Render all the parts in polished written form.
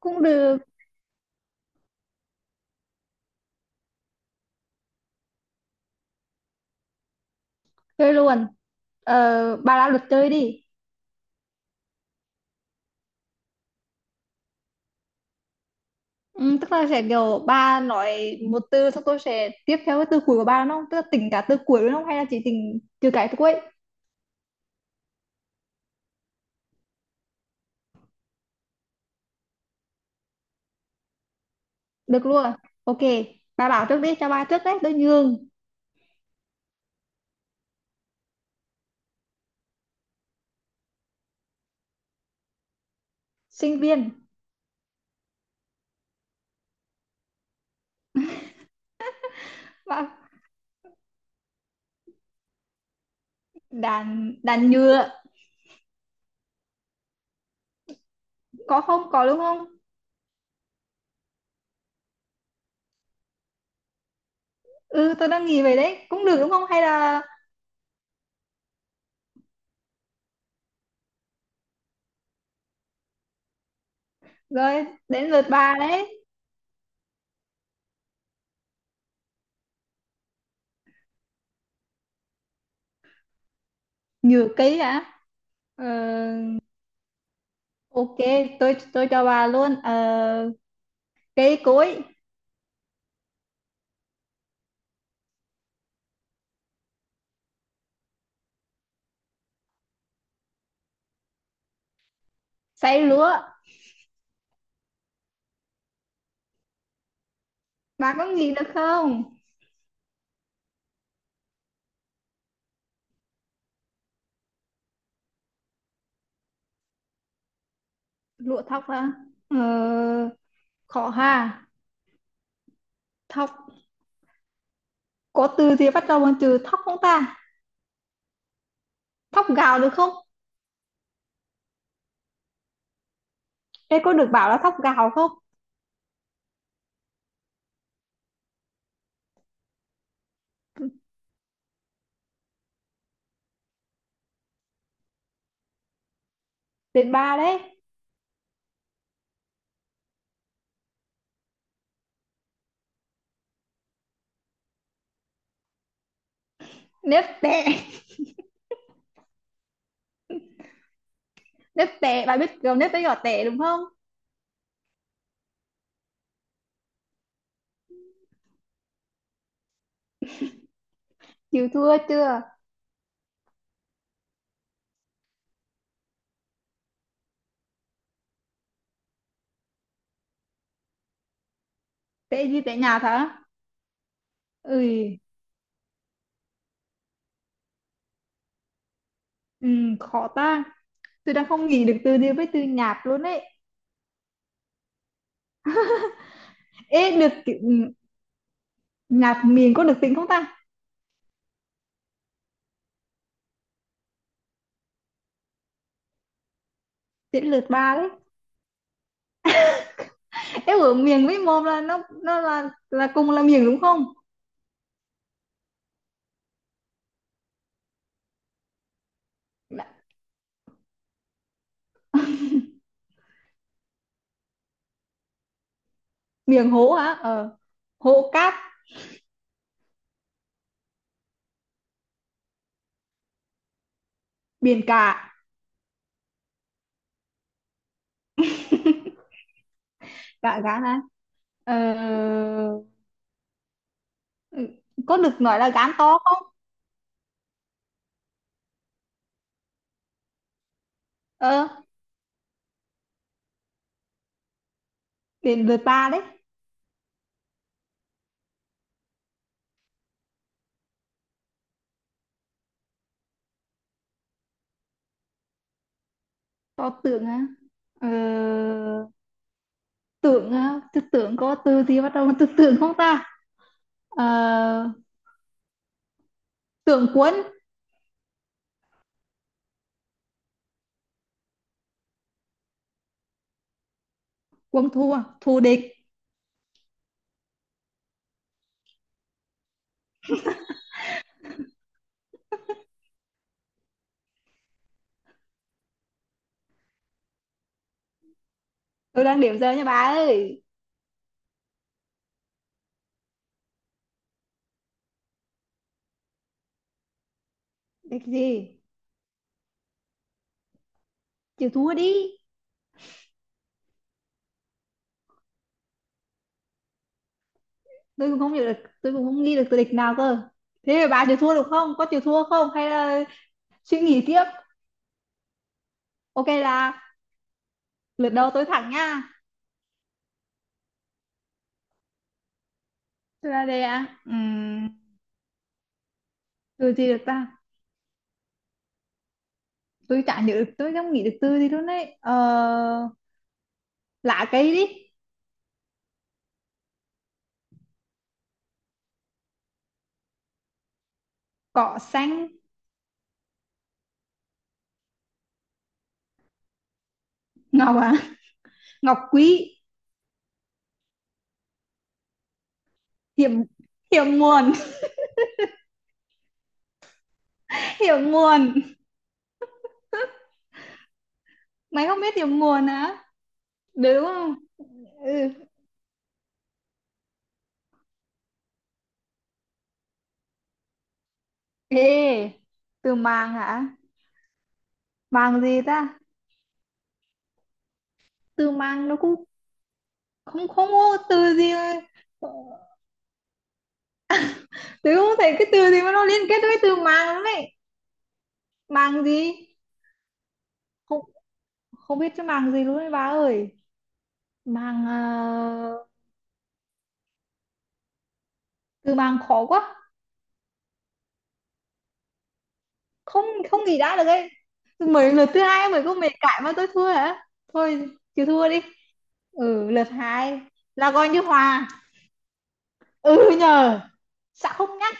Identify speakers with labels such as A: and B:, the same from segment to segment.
A: Cũng được. Chơi luôn. Bà ra luật chơi đi. Ừ, tức là sẽ kiểu bà nói một từ xong tôi sẽ tiếp theo cái từ cuối của bà, đúng không? Tức là tính cả từ cuối, đúng không, hay là chỉ tính trừ cái từ cuối? Được luôn. OK. Bà bảo trước đi, cho bà trước đấy, tôi nhường. Sinh viên. Bà, đàn đàn nhựa. Có không, có đúng không? Ừ, tôi đang nghĩ về đấy cũng được, đúng không, hay là... Rồi, đến lượt bà đấy. Nhựa cây hả? ờ, OK. Tôi cho bà luôn. Ờ, Cây cối. Xay lúa. Bà có nghĩ được không? Lúa thóc à? ờ, Khó ha. Thóc. Có từ gì bắt đầu bằng từ thóc không ta? Thóc gạo được không? Ê, có được bảo là thóc gạo không? Đến ba đấy. Nếp tẻ. Nếp tẻ, bà biết kiểu nếp với giỏ tẻ đúng không? Chịu thua chưa? Tệ gì? Tệ nhạt hả? Ui. Ừ, khó ta. Tôi đang không nghĩ được từ gì với từ nhạt luôn đấy. Ê, được kiểu, nhạt miền có được tính không ta? Đến lượt ba đấy. Em ở miền với mồm là nó là cùng là miền, đúng không? Miền hố hả? Ờ. Hố cát. Biển cả. Cả gán á. Ờ. Có được nói là gán to không? Ờ. Đến lượt bà đấy. To tưởng á. Ờ. Tưởng á, tư tưởng có từ gì bắt đầu từ tưởng không ta? Ờ. Tưởng quân. Quân thua, thù địch. Tôi đang điểm giờ nha bà ơi. Địch gì? Chịu thua đi. Tôi cũng không hiểu được, tôi cũng không nghĩ được từ địch nào cơ. Thế thì bà chịu thua được không, có chịu thua không hay là suy nghĩ tiếp? OK là lượt đầu tôi thẳng nha. Tôi ra đây à. Từ gì được ta? Tôi chả nhớ được, tôi không nghĩ được từ gì luôn đấy. Ờ, Lá cây đi. Cỏ xanh. Ngọc à. Ngọc quý. Hiểm. Hiểm nguồn. Hiểm nguồn. Mày không biết hiểm nguồn hả? Đúng không? Ừ. Ê, từ màng hả? Màng gì ta? Từ màng nó cũng... Không, không có từ gì mà. Tớ không thấy cái từ gì mà nó liên kết với từ màng lắm ấy. Màng gì? Không, không biết cái màng gì luôn đấy bà ơi. Màng. Ờ, Từ màng khó quá. Không, không nghĩ ra được ấy. Mấy lượt thứ hai mới có mày cãi mà tôi thua hả? Thôi. Chịu thua đi. Ừ, lượt hai là coi như hòa. Ừ nhờ. Sao không nhắc?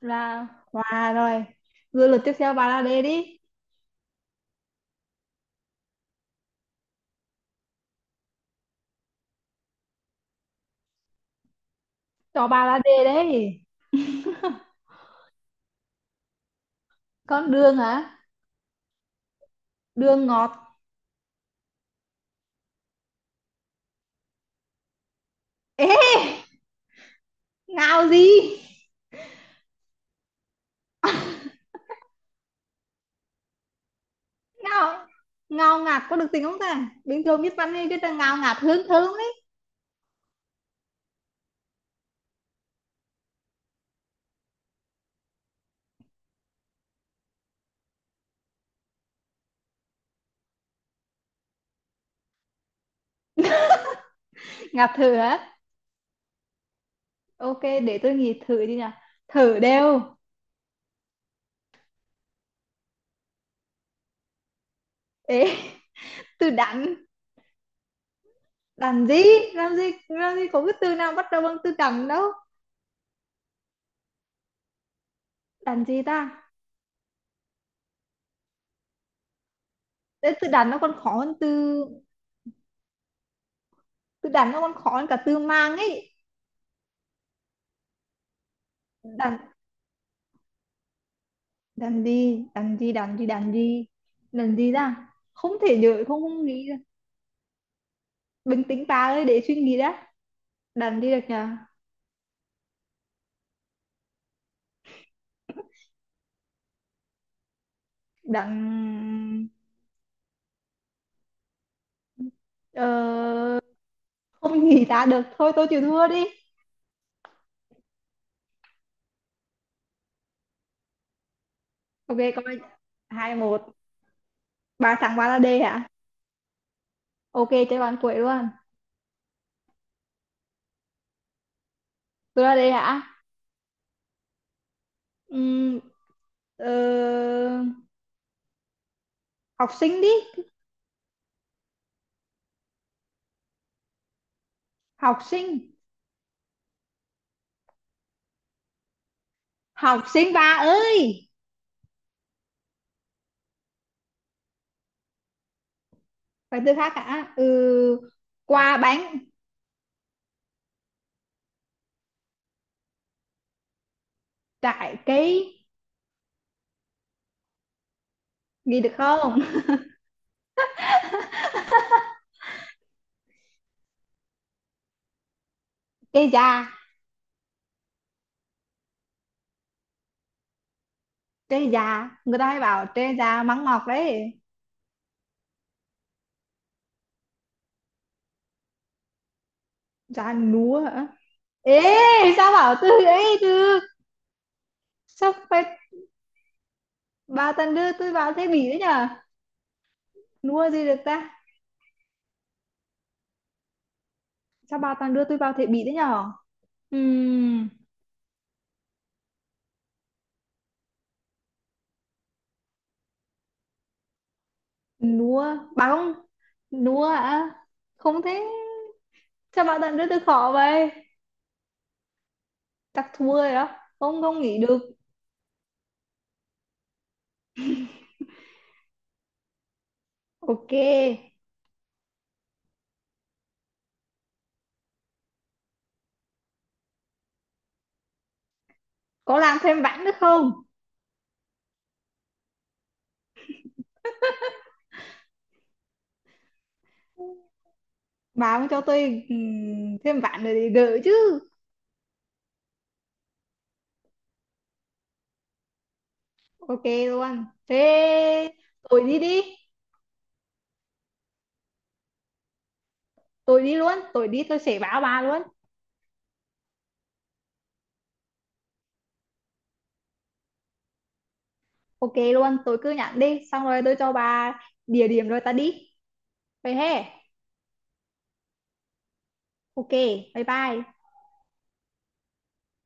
A: Là hòa rồi. Rồi lượt tiếp theo, bà là đề đi. Cho bà là đề đấy. Con đường hả? Đường ngọt. Ê, ngào gì? Ngào, ngào ngạt có được tính không ta? Bình thường biết văn hay cái là ngào ngạt hơn thơm đấy. Ngạt thử hả. OK, để tôi nghĩ thử đi nào. Thử đều. Ê, từ đắn. Đắn gì? Làm gì? Làm gì có cái từ nào bắt đầu bằng từ đắn đâu. Đắn gì ta? Thế từ đắn nó còn khó hơn từ... Từ đắn nó còn khó hơn cả từ mang ấy. Đắn, đắn gì? Đắn gì? Đắn gì? Đắn gì? Đắn gì ta? Không thể nhớ, không, không nghĩ ra. Bình tĩnh bà ơi, để suy nghĩ đã. Đắn gì được nhờ? Đặng. ờ, Không nghĩ ra được, thôi tôi chịu thua đi. OK, coi. 2-1. Ba thằng, ba là D hả? OK, chơi bàn quậy luôn. Tôi là D hả? Ừm, ờ, Học sinh đi. Học sinh. Học sinh ba ơi. Phải từ khác hả? Ừ, qua bánh. Trái cây. Gì được không? Cây già. Cây già, người ta hay bảo cây già mắng ngọt đấy. Già núa hả? Ê, sao bảo từ ấy được? Sao phải? Bà toàn đưa tôi vào thế bỉ đấy nhở. Nua gì được ta? Sao bà toàn đưa tôi vào thế bỉ đấy nhở? Ừm, Nua. Bà không. Nua à? Không thế. Sao bà toàn đưa tôi khó vậy? Chắc thua rồi đó. Không, không nghỉ được. OK. Có làm thêm vãn nữa không? Bà không cho tôi thêm vãn rồi thì gỡ chứ? OK luôn thế. Tôi đi đi. Tôi đi luôn, tôi đi, tôi sẽ báo bà luôn. OK luôn, tôi cứ nhận đi, xong rồi tôi cho bà địa điểm rồi ta đi. Vậy he. OK, bye bye.